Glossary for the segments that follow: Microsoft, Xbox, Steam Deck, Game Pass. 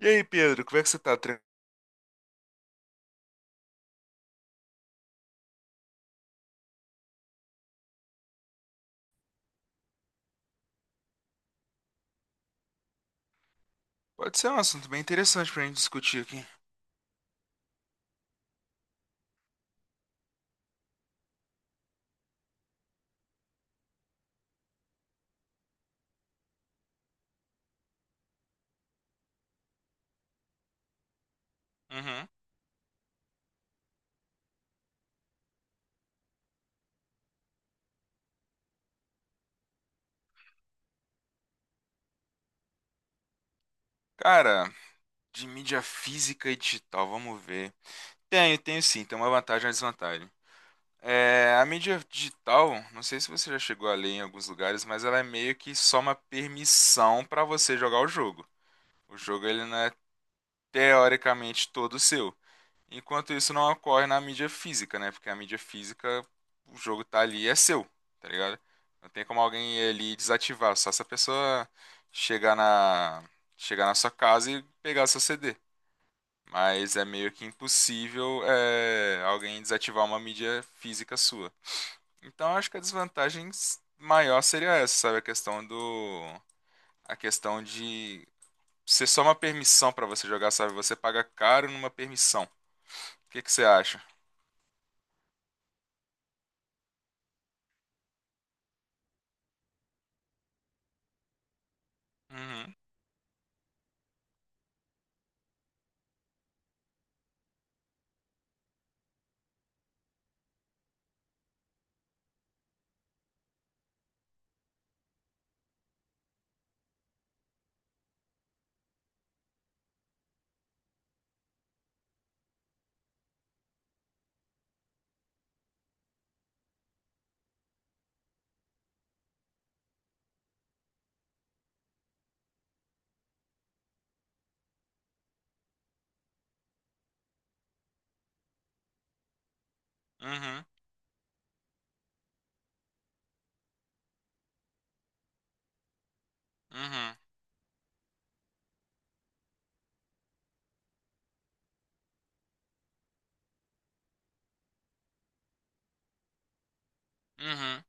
E aí, Pedro, como é que você tá? Pode ser um assunto bem interessante pra gente discutir aqui. Uhum. Cara, de mídia física e digital, vamos ver. Tenho sim, tem uma vantagem e uma desvantagem. É, a mídia digital, não sei se você já chegou a ler em alguns lugares, mas ela é meio que só uma permissão pra você jogar o jogo. O jogo ele não é teoricamente todo seu. Enquanto isso não ocorre na mídia física, né? Porque a mídia física, o jogo tá ali e é seu, tá ligado? Não tem como alguém ir ali e desativar, só se a pessoa chegar na, chegar na sua casa e pegar seu CD. Mas é meio que impossível alguém desativar uma mídia física sua. Então acho que a desvantagem maior seria essa, sabe? A questão do. A questão de ser só uma permissão pra você jogar, sabe? Você paga caro numa permissão. O que que você acha? Uhum. Uhum, uhum, uhum.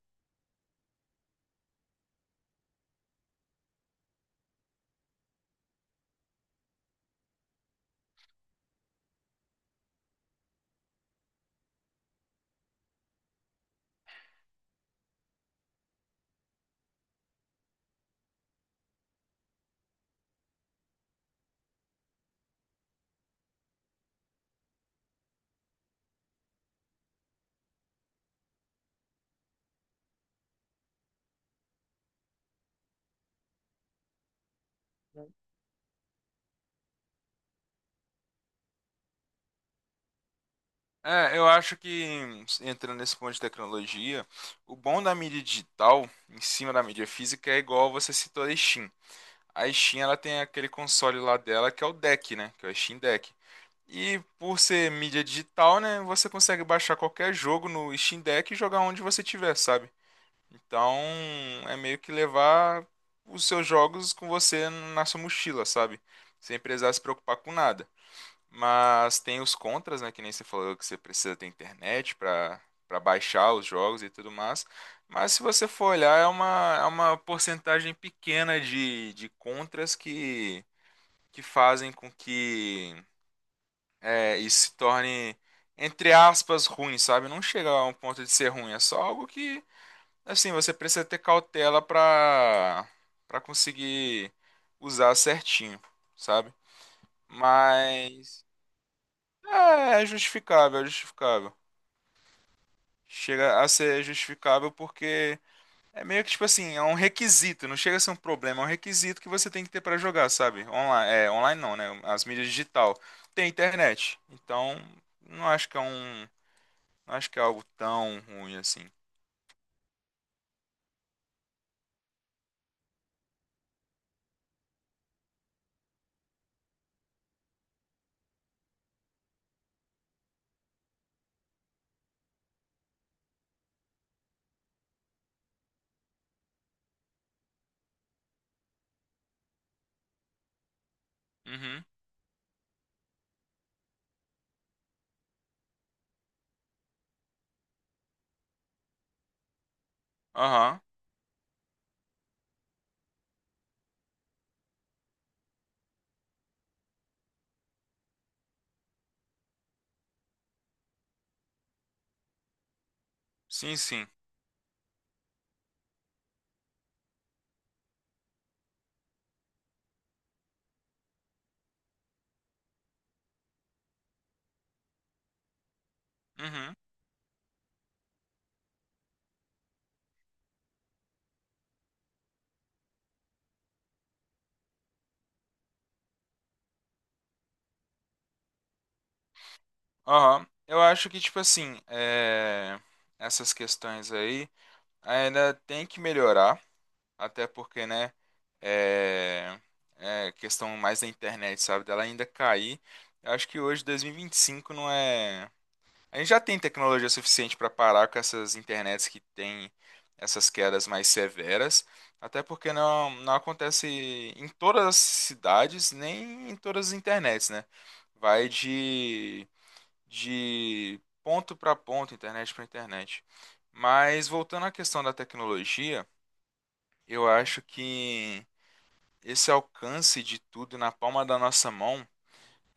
É, eu acho que entrando nesse ponto de tecnologia, o bom da mídia digital em cima da mídia física é igual você citou a Steam. A Steam ela tem aquele console lá dela que é o Deck, né? Que é o Steam Deck. E por ser mídia digital, né, você consegue baixar qualquer jogo no Steam Deck e jogar onde você tiver, sabe? Então, é meio que levar os seus jogos com você na sua mochila, sabe? Sem precisar se preocupar com nada. Mas tem os contras, né? Que nem você falou que você precisa ter internet para baixar os jogos e tudo mais. Mas se você for olhar, é é uma porcentagem pequena de contras que fazem com que isso se torne, entre aspas, ruim, sabe? Não chega a um ponto de ser ruim, é só algo que, assim, você precisa ter cautela para conseguir usar certinho, sabe? Mas é justificável, é justificável. Chega a ser justificável porque é meio que tipo assim, é um requisito, não chega a ser um problema, é um requisito que você tem que ter pra jogar, sabe? Online, online não, né? As mídias digital tem internet. Então, não acho que é um, não acho que é algo tão ruim assim. Uhum. Aham. Sim, sim. Uhum. Aham. Eu acho que tipo assim, é, essas questões aí ainda tem que melhorar. Até porque, né? É, é questão mais da internet, sabe? Dela ainda cair. Eu acho que hoje, dois mil e vinte e cinco não é. A gente já tem tecnologia suficiente para parar com essas internets que têm essas quedas mais severas. Até porque não acontece em todas as cidades, nem em todas as internets, né? Vai de ponto para ponto, internet para internet. Mas voltando à questão da tecnologia, eu acho que esse alcance de tudo na palma da nossa mão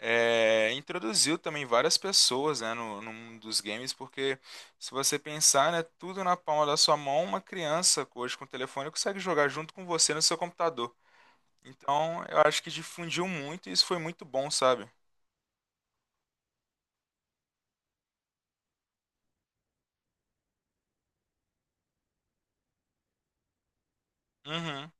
introduziu também várias pessoas, né, no mundo dos games, porque se você pensar, né, tudo na palma da sua mão, uma criança hoje com o telefone consegue jogar junto com você no seu computador. Então, eu acho que difundiu muito e isso foi muito bom, sabe? Uhum.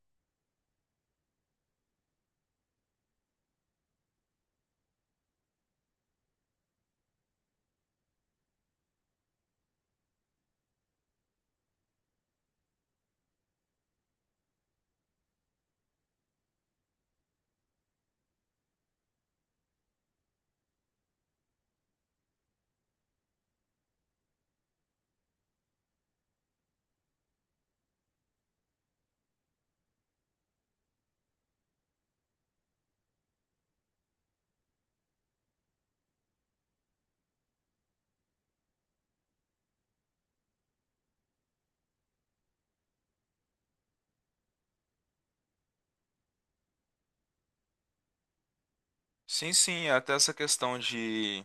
Sim, sim, até essa questão de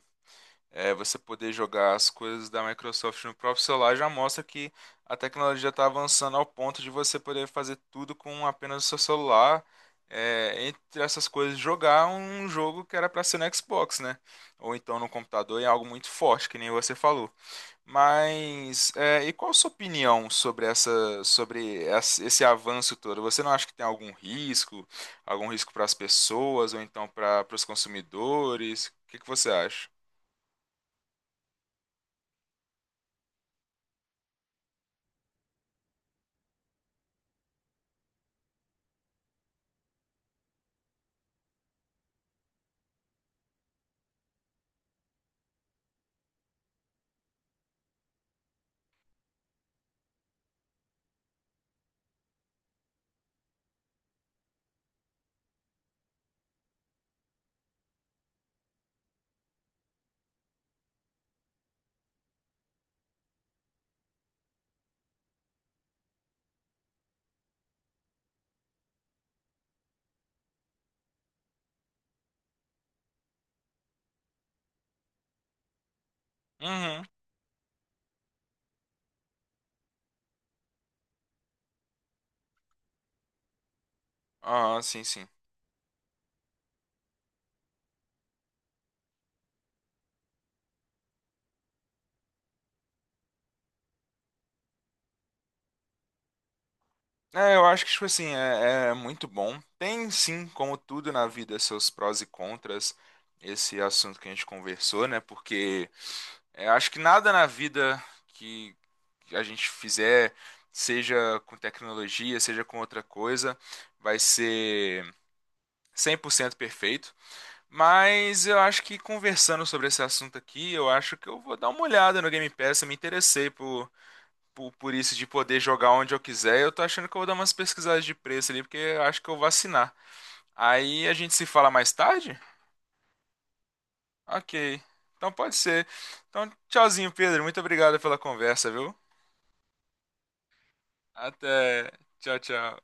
É, você poder jogar as coisas da Microsoft no próprio celular já mostra que a tecnologia está avançando ao ponto de você poder fazer tudo com apenas o seu celular. É, entre essas coisas, jogar um jogo que era para ser no Xbox, né? Ou então no computador, é algo muito forte, que nem você falou. Mas, é, e qual a sua opinião sobre esse avanço todo? Você não acha que tem algum risco para as pessoas ou então para os consumidores? O que que você acha? Uhum. Ah, sim, sim. É, eu acho que, tipo assim, é muito bom. Tem, sim, como tudo na vida, seus prós e contras, esse assunto que a gente conversou, né? Porque é, acho que nada na vida que a gente fizer, seja com tecnologia, seja com outra coisa, vai ser 100% perfeito. Mas eu acho que conversando sobre esse assunto aqui, eu acho que eu vou dar uma olhada no Game Pass. Eu me interessei por isso de poder jogar onde eu quiser, eu tô achando que eu vou dar umas pesquisadas de preço ali, porque eu acho que eu vou assinar. Aí a gente se fala mais tarde? Ok. Então pode ser. Então, tchauzinho, Pedro. Muito obrigado pela conversa, viu? Até. Tchau, tchau.